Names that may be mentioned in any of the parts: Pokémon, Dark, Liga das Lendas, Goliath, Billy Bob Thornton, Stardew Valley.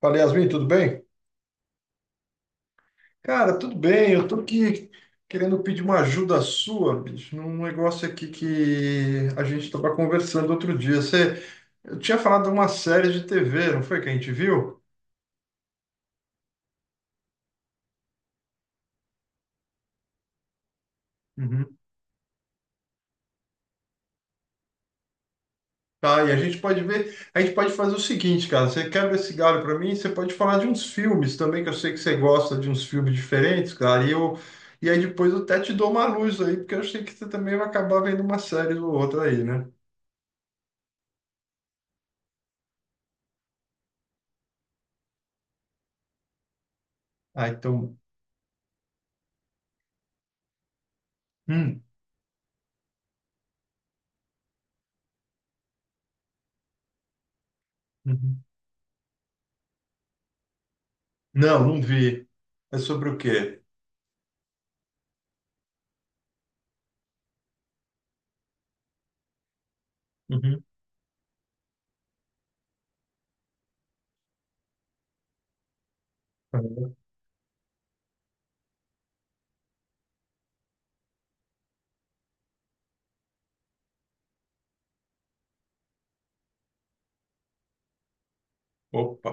Fala, Yasmin, tudo bem? Cara, tudo bem. Eu tô aqui querendo pedir uma ajuda sua, bicho, num negócio aqui que a gente estava conversando outro dia. Eu tinha falado de uma série de TV, não foi que a gente viu? Uhum. Tá, e a gente pode fazer o seguinte, cara, você quebra esse galho para mim, você pode falar de uns filmes também, que eu sei que você gosta de uns filmes diferentes, cara, e aí depois eu até te dou uma luz aí, porque eu sei que você também vai acabar vendo uma série ou outra aí, né? Ah, então. Hum, uhum. Não, não vi. É sobre o quê? Uhum. Uhum. Opa,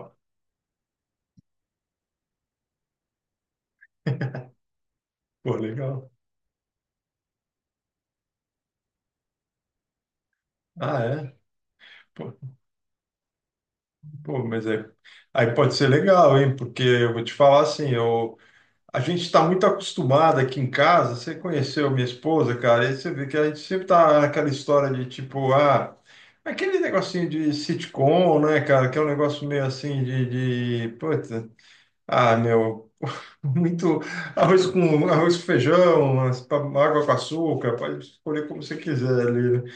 pô, legal. Ah, é? Pô, pô, aí pode ser legal, hein? Porque eu vou te falar assim, a gente está muito acostumado aqui em casa, você conheceu minha esposa, cara, e você vê que a gente sempre tá naquela história de tipo, ah, aquele negocinho de sitcom, né, cara, que é um negócio meio assim Puta, ah, meu. Muito arroz com feijão, umas água com açúcar, pode escolher como você quiser ali. Né?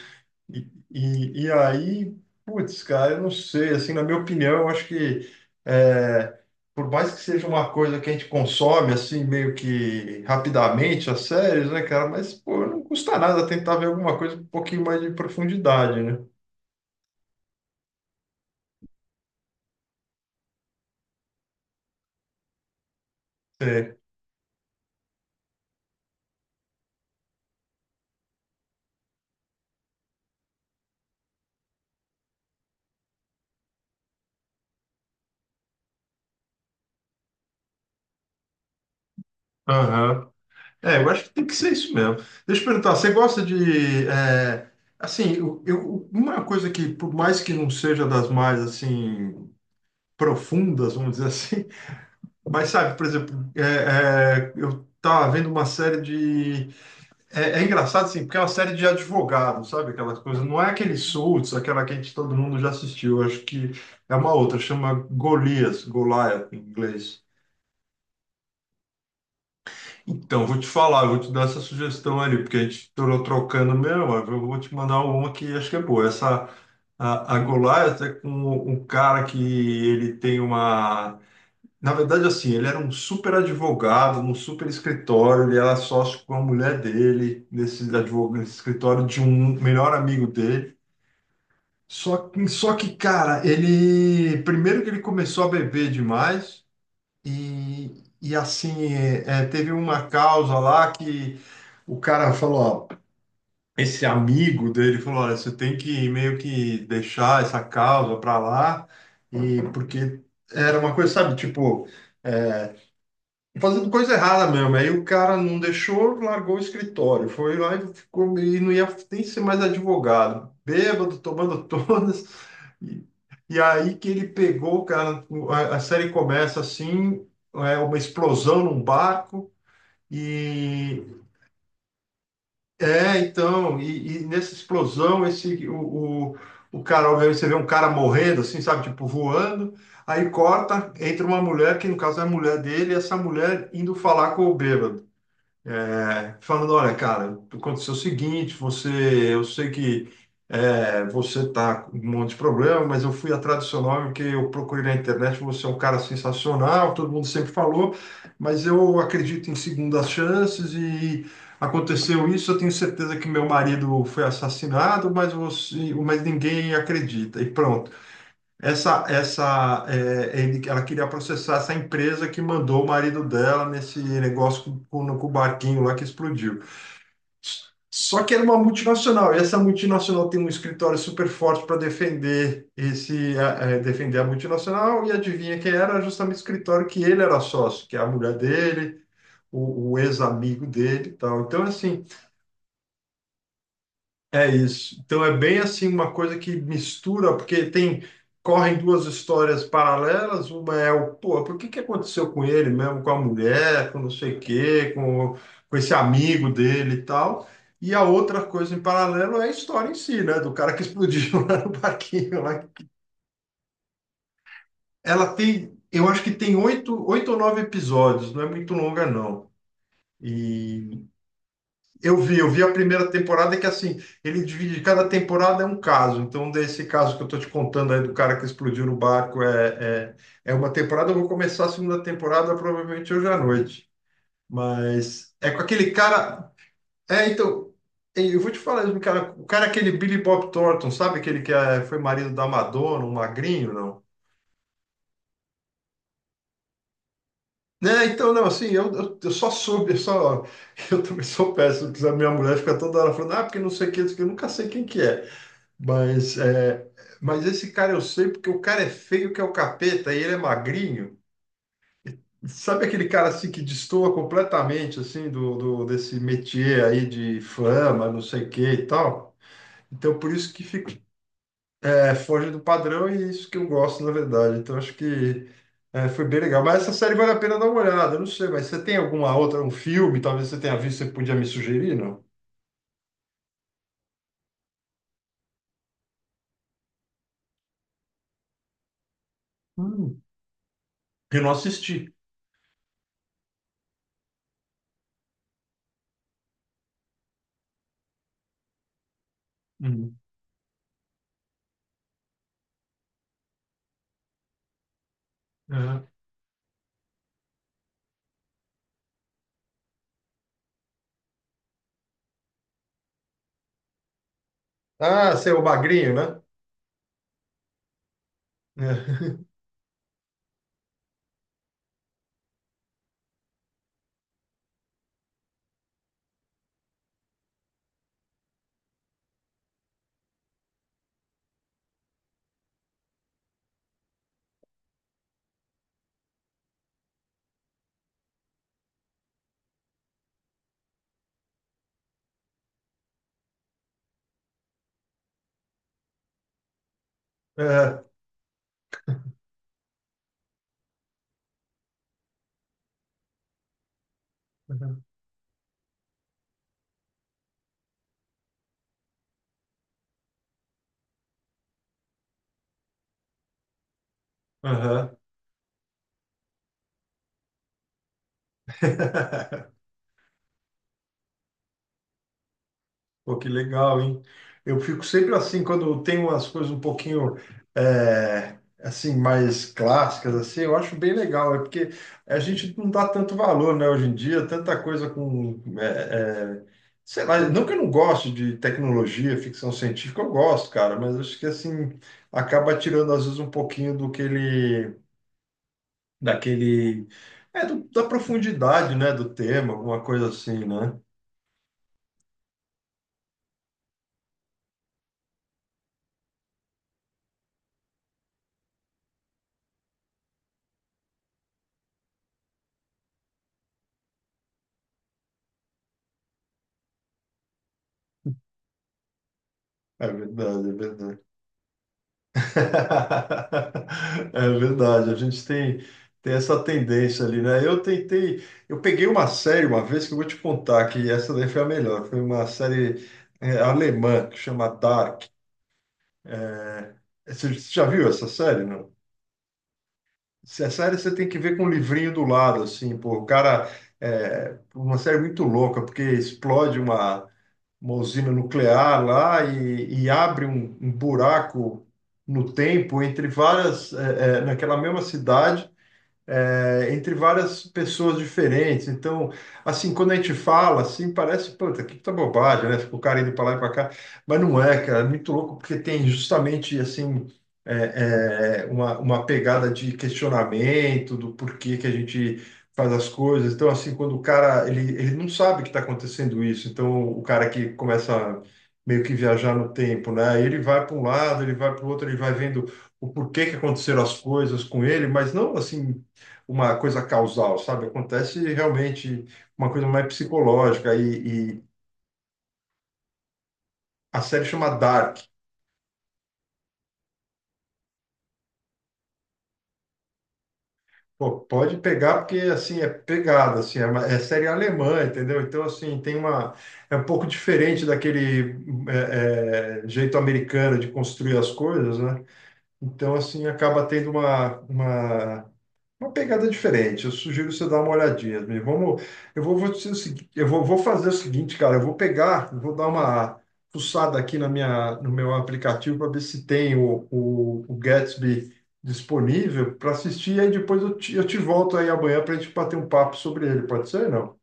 E aí, putz, cara, eu não sei, assim, na minha opinião, eu acho que é, por mais que seja uma coisa que a gente consome, assim, meio que rapidamente, as séries, né, cara, mas, pô, não custa nada tentar ver alguma coisa com um pouquinho mais de profundidade, né? É. Aham. É, eu acho que tem que ser isso mesmo. Deixa eu perguntar, você gosta de, assim, uma coisa que, por mais que não seja das mais, assim, profundas, vamos dizer assim, mas sabe, por exemplo, eu tava vendo é engraçado, assim, porque é uma série de advogados, sabe, aquelas coisas, não é aquele Suits, aquela que todo mundo já assistiu, eu acho que é uma outra, chama Golias, Goliath, em inglês. Então, vou te falar, eu vou te dar essa sugestão ali, porque a gente torou trocando mesmo, eu vou te mandar uma que acho que é boa. A Goliath é com um cara que ele tem uma... Na verdade, assim, ele era um super advogado, num super escritório, ele era sócio com a mulher dele, nesse escritório de um melhor amigo dele. Só que, cara, Primeiro que ele começou a beber demais... E assim, teve uma causa lá que o cara falou, ó, esse amigo dele falou, olha, você tem que meio que deixar essa causa para lá, e porque era uma coisa, sabe, tipo, é, fazendo coisa errada mesmo. Aí o cara não deixou, largou o escritório. Foi lá e ficou e não ia nem ser mais advogado. Bêbado, tomando todas. E, e aí que ele pegou, cara, a série começa assim, é uma explosão num barco. E é, então, nessa explosão, o cara, obviamente, você vê um cara morrendo, assim, sabe, tipo voando. Aí corta, entra uma mulher, que no caso é a mulher dele, e essa mulher indo falar com o bêbado. É, falando, olha, cara, aconteceu o seguinte, eu sei que você tá com um monte de problema, mas eu fui atrás do seu nome porque eu procurei na internet, você é um cara sensacional, todo mundo sempre falou, mas eu acredito em segundas chances e aconteceu isso, eu tenho certeza que meu marido foi assassinado, mas você, mas ninguém acredita. E pronto. Ela queria processar essa empresa que mandou o marido dela nesse negócio com o barquinho lá que explodiu. Só que era uma multinacional, e essa multinacional tem um escritório super forte para defender defender a multinacional, e adivinha quem era? Justamente o escritório que ele era sócio, que é a mulher dele, o ex-amigo dele e tal. Então, assim, é isso. Então é bem assim uma coisa que mistura, porque tem correm duas histórias paralelas, uma é pô, por que que aconteceu com ele mesmo, com a mulher, com não sei o quê, com esse amigo dele e tal. E a outra coisa em paralelo é a história em si, né, do cara que explodiu lá no parquinho lá. Ela tem, eu acho que tem oito ou nove episódios, não é muito longa não. E eu vi a primeira temporada que assim, ele divide, cada temporada é um caso. Então, desse caso que eu tô te contando aí do cara que explodiu no barco é uma temporada, eu vou começar a segunda temporada provavelmente hoje à noite. Mas é com aquele cara. É, então, eu vou te falar isso, cara. O cara é aquele Billy Bob Thornton, sabe aquele que é- foi marido da Madonna, um magrinho, não? Né, então, não, assim, eu só soube, eu também sou péssimo, porque a minha mulher fica toda hora falando, ah, porque não sei quem, não sei quem", eu nunca sei quem que é. Mas, é, mas esse cara eu sei porque o cara é feio que é o capeta e ele é magrinho. Sabe aquele cara assim que destoa completamente assim desse métier aí de fama, não sei o que e tal? Então por isso que fica, foge do padrão e é isso que eu gosto na verdade. Então acho que foi bem legal. Mas essa série vale a pena dar uma olhada. Não sei, mas você tem alguma outra, um filme? Talvez você tenha visto, você podia me sugerir, não? Hum. Eu não assisti. Hum. Uhum. Ah, você é o magrinho, né? É. É, aham. Pô, que legal, hein? Eu fico sempre assim, quando tem umas coisas um pouquinho, é, assim, mais clássicas, assim, eu acho bem legal. É porque a gente não dá tanto valor, né, hoje em dia, tanta coisa com, sei lá, não que eu não goste de tecnologia, ficção científica, eu gosto, cara, mas acho que, assim, acaba tirando, às vezes, um pouquinho do que ele, daquele, da profundidade, né, do tema, alguma coisa assim, né? É verdade, é verdade. É verdade, a gente tem, essa tendência ali, né? Eu tentei, eu peguei uma série uma vez que eu vou te contar que essa daí foi a melhor. Foi uma série alemã que chama Dark. É, você já viu essa série, não? Se a série você tem que ver com um livrinho do lado, assim, pô, o cara é uma série muito louca, porque explode uma usina nuclear lá e abre um buraco no tempo entre várias, naquela mesma cidade entre várias pessoas diferentes. Então, assim, quando a gente fala, assim, parece, puta, que puta bobagem, né? Fica o cara indo para lá e para cá. Mas não é, cara, é muito louco, porque tem justamente, assim, uma pegada de questionamento do porquê que a gente faz as coisas. Então, assim, quando o cara, ele não sabe que está acontecendo isso. Então, o cara que começa... meio que viajar no tempo, né? Ele vai para um lado, ele vai para o outro, ele vai vendo o porquê que aconteceram as coisas com ele, mas não assim uma coisa causal, sabe? Acontece realmente uma coisa mais psicológica a série chama Dark. Pô, pode pegar porque assim é pegada, assim é, uma- é série alemã, entendeu? Então assim tem uma é um pouco diferente daquele jeito americano de construir as coisas, né? Então assim acaba tendo uma pegada diferente. Eu sugiro você dar uma olhadinha, mesmo. Eu vou fazer o seguinte, cara. Eu vou pegar, eu vou dar uma fuçada aqui no meu aplicativo para ver se tem o Gatsby disponível para assistir. E aí depois eu te volto aí amanhã para a gente bater um papo sobre ele. Pode ser? Não?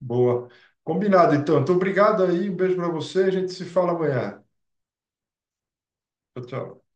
Boa. Combinado, então. Então, obrigado aí. Um beijo para você. A gente se fala amanhã. Tchau, tchau.